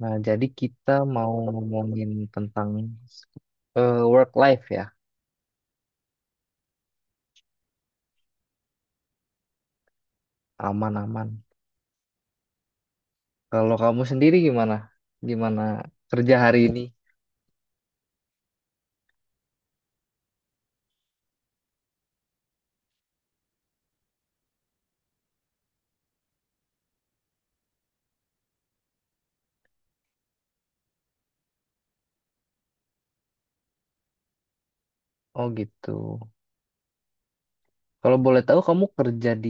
Nah, jadi kita mau ngomongin tentang work life ya, aman-aman. Kalau kamu sendiri gimana? Gimana kerja hari ini? Oh gitu. Kalau boleh tahu kamu kerja di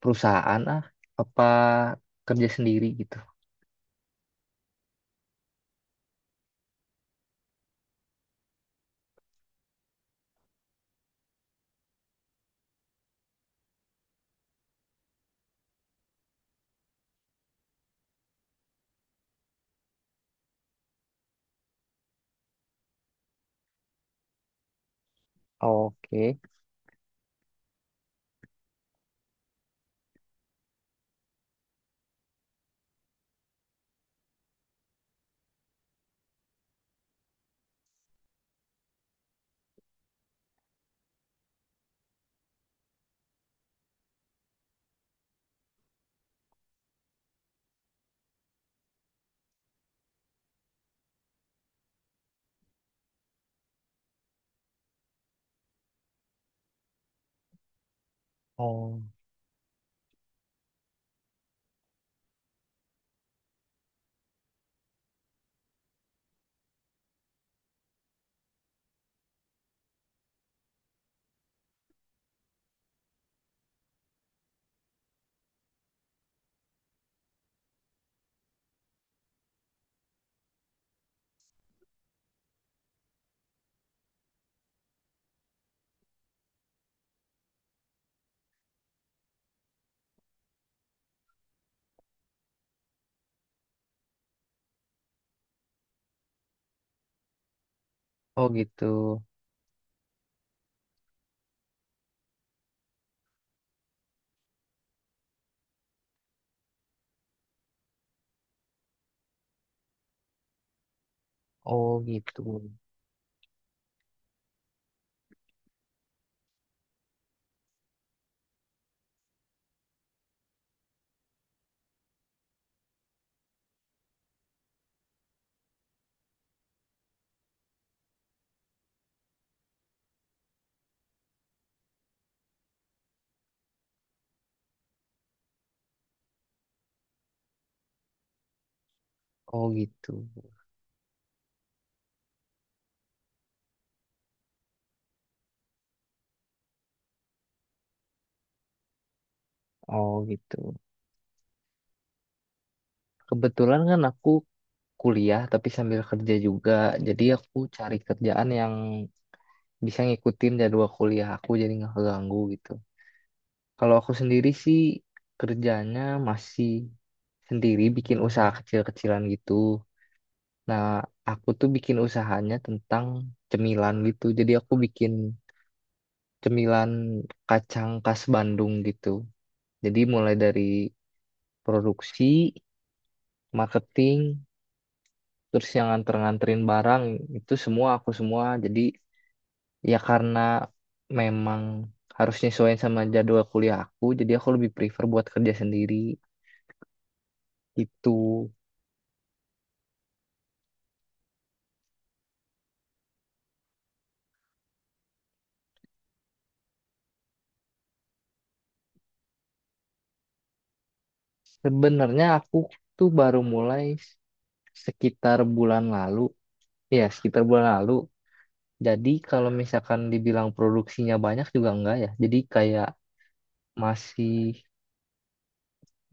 perusahaan apa kerja sendiri gitu? Oke. Oh, oh gitu. Oh gitu. Oh gitu. Oh gitu. Kebetulan kan aku kuliah tapi sambil kerja juga. Jadi aku cari kerjaan yang bisa ngikutin jadwal kuliah aku jadi nggak keganggu gitu. Kalau aku sendiri sih kerjanya masih sendiri bikin usaha kecil-kecilan gitu. Nah, aku tuh bikin usahanya tentang cemilan gitu. Jadi aku bikin cemilan kacang khas Bandung gitu. Jadi mulai dari produksi, marketing, terus yang nganter-nganterin barang itu semua aku semua. Jadi ya karena memang harus nyesuaiin sama jadwal kuliah aku, jadi aku lebih prefer buat kerja sendiri. Itu sebenarnya aku tuh baru mulai sekitar bulan lalu, ya sekitar bulan lalu. Jadi kalau misalkan dibilang produksinya banyak juga enggak ya. Jadi kayak masih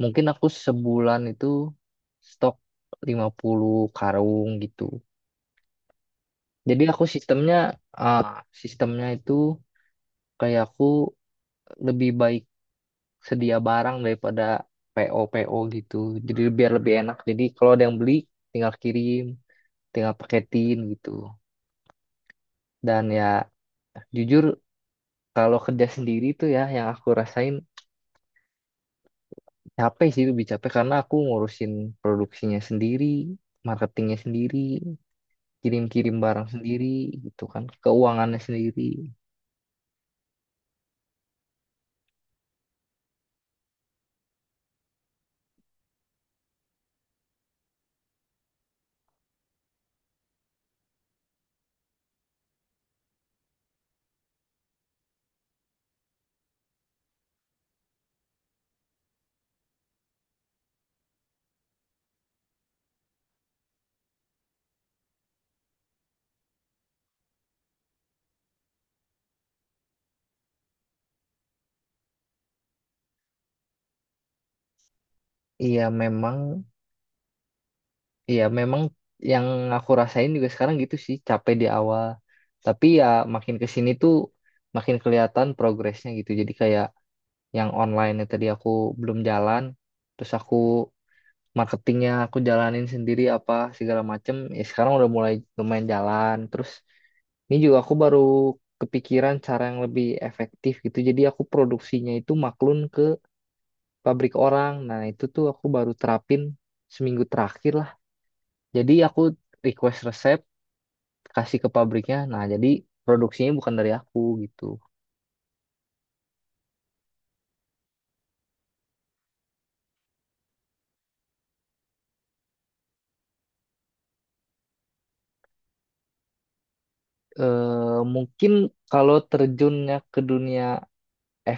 mungkin aku sebulan itu stok 50 karung gitu. Jadi aku ah, sistemnya itu kayak aku lebih baik sedia barang daripada PO PO gitu. Jadi biar lebih enak. Jadi kalau ada yang beli tinggal kirim, tinggal paketin gitu. Dan ya jujur kalau kerja sendiri tuh ya yang aku rasain capek sih lebih capek karena aku ngurusin produksinya sendiri, marketingnya sendiri, kirim-kirim barang sendiri gitu kan, keuangannya sendiri. Iya memang Iya, memang yang aku rasain juga sekarang gitu sih, capek di awal. Tapi ya makin ke sini tuh makin kelihatan progresnya gitu. Jadi kayak yang online tadi aku belum jalan, terus aku marketingnya aku jalanin sendiri apa segala macem. Ya sekarang udah mulai lumayan jalan. Terus ini juga aku baru kepikiran cara yang lebih efektif gitu. Jadi aku produksinya itu maklun ke pabrik orang. Nah, itu tuh aku baru terapin seminggu terakhir lah. Jadi aku request resep kasih ke pabriknya. Nah, jadi produksinya bukan dari aku gitu. Mungkin kalau terjunnya ke dunia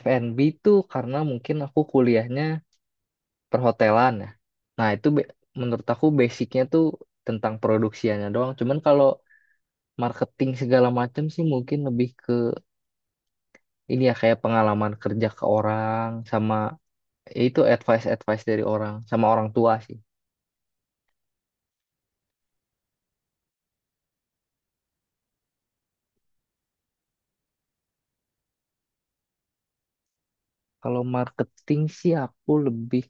F&B itu karena mungkin aku kuliahnya perhotelan ya. Nah, itu menurut aku basicnya tuh tentang produksiannya doang. Cuman kalau marketing segala macam sih mungkin lebih ke ini ya kayak pengalaman kerja ke orang sama ya itu advice-advice dari orang sama orang tua sih. Kalau marketing sih aku lebih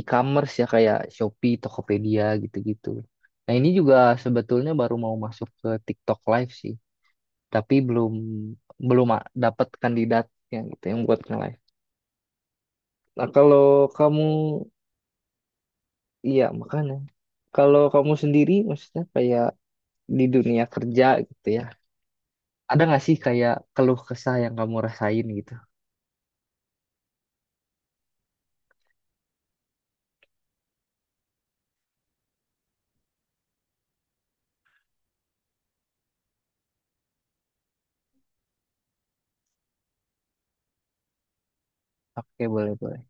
e-commerce ya kayak Shopee, Tokopedia gitu-gitu. Nah, ini juga sebetulnya baru mau masuk ke TikTok Live sih, tapi belum belum dapat kandidatnya gitu yang buat nge-live. Nah, kalau kamu iya makanya kalau kamu sendiri maksudnya kayak di dunia kerja gitu ya. Ada nggak sih kayak keluh kesah yang kamu rasain gitu? Oke, boleh, boleh.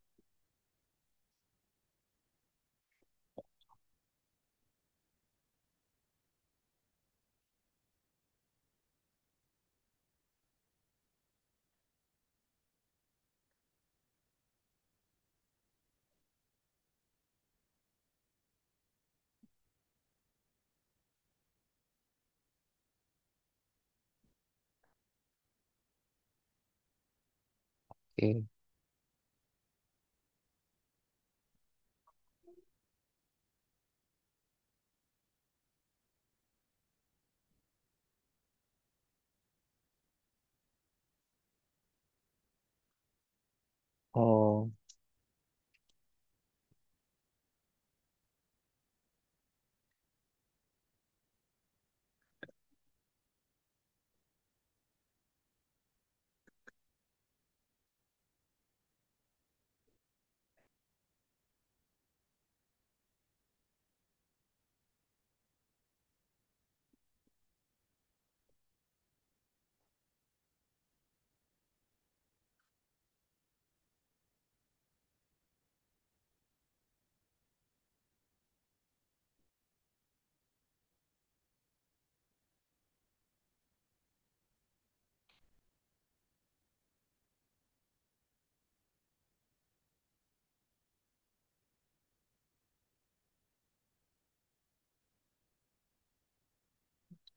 Oke. Oh,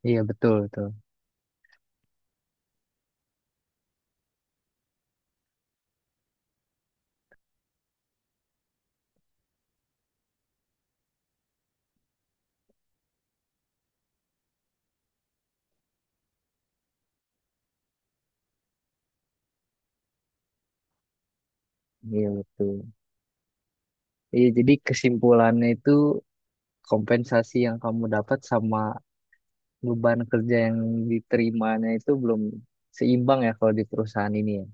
iya betul, betul. Iya betul. Iya, jadi kesimpulannya itu kompensasi yang kamu dapat sama beban kerja yang diterimanya itu belum seimbang ya kalau di perusahaan ini ya.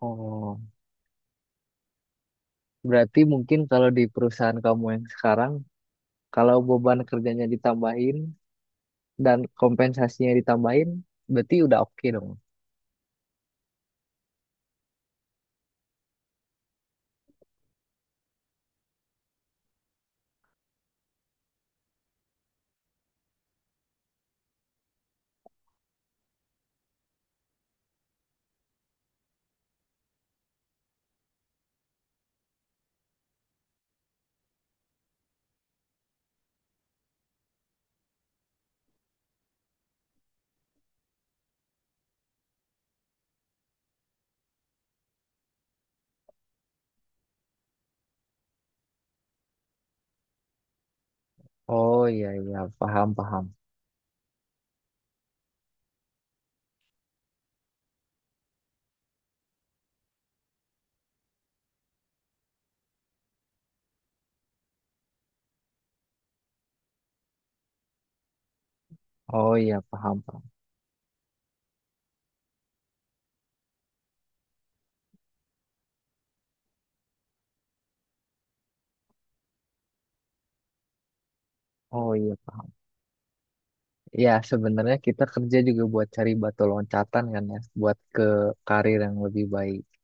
Oh, berarti mungkin kalau di perusahaan kamu yang sekarang, kalau beban kerjanya ditambahin dan kompensasinya ditambahin, berarti udah oke dong. Oh iya iya paham paham. Oh iya paham paham. Oh iya paham. Ya sebenarnya kita kerja juga buat cari batu loncatan kan ya, buat ke karir yang lebih baik.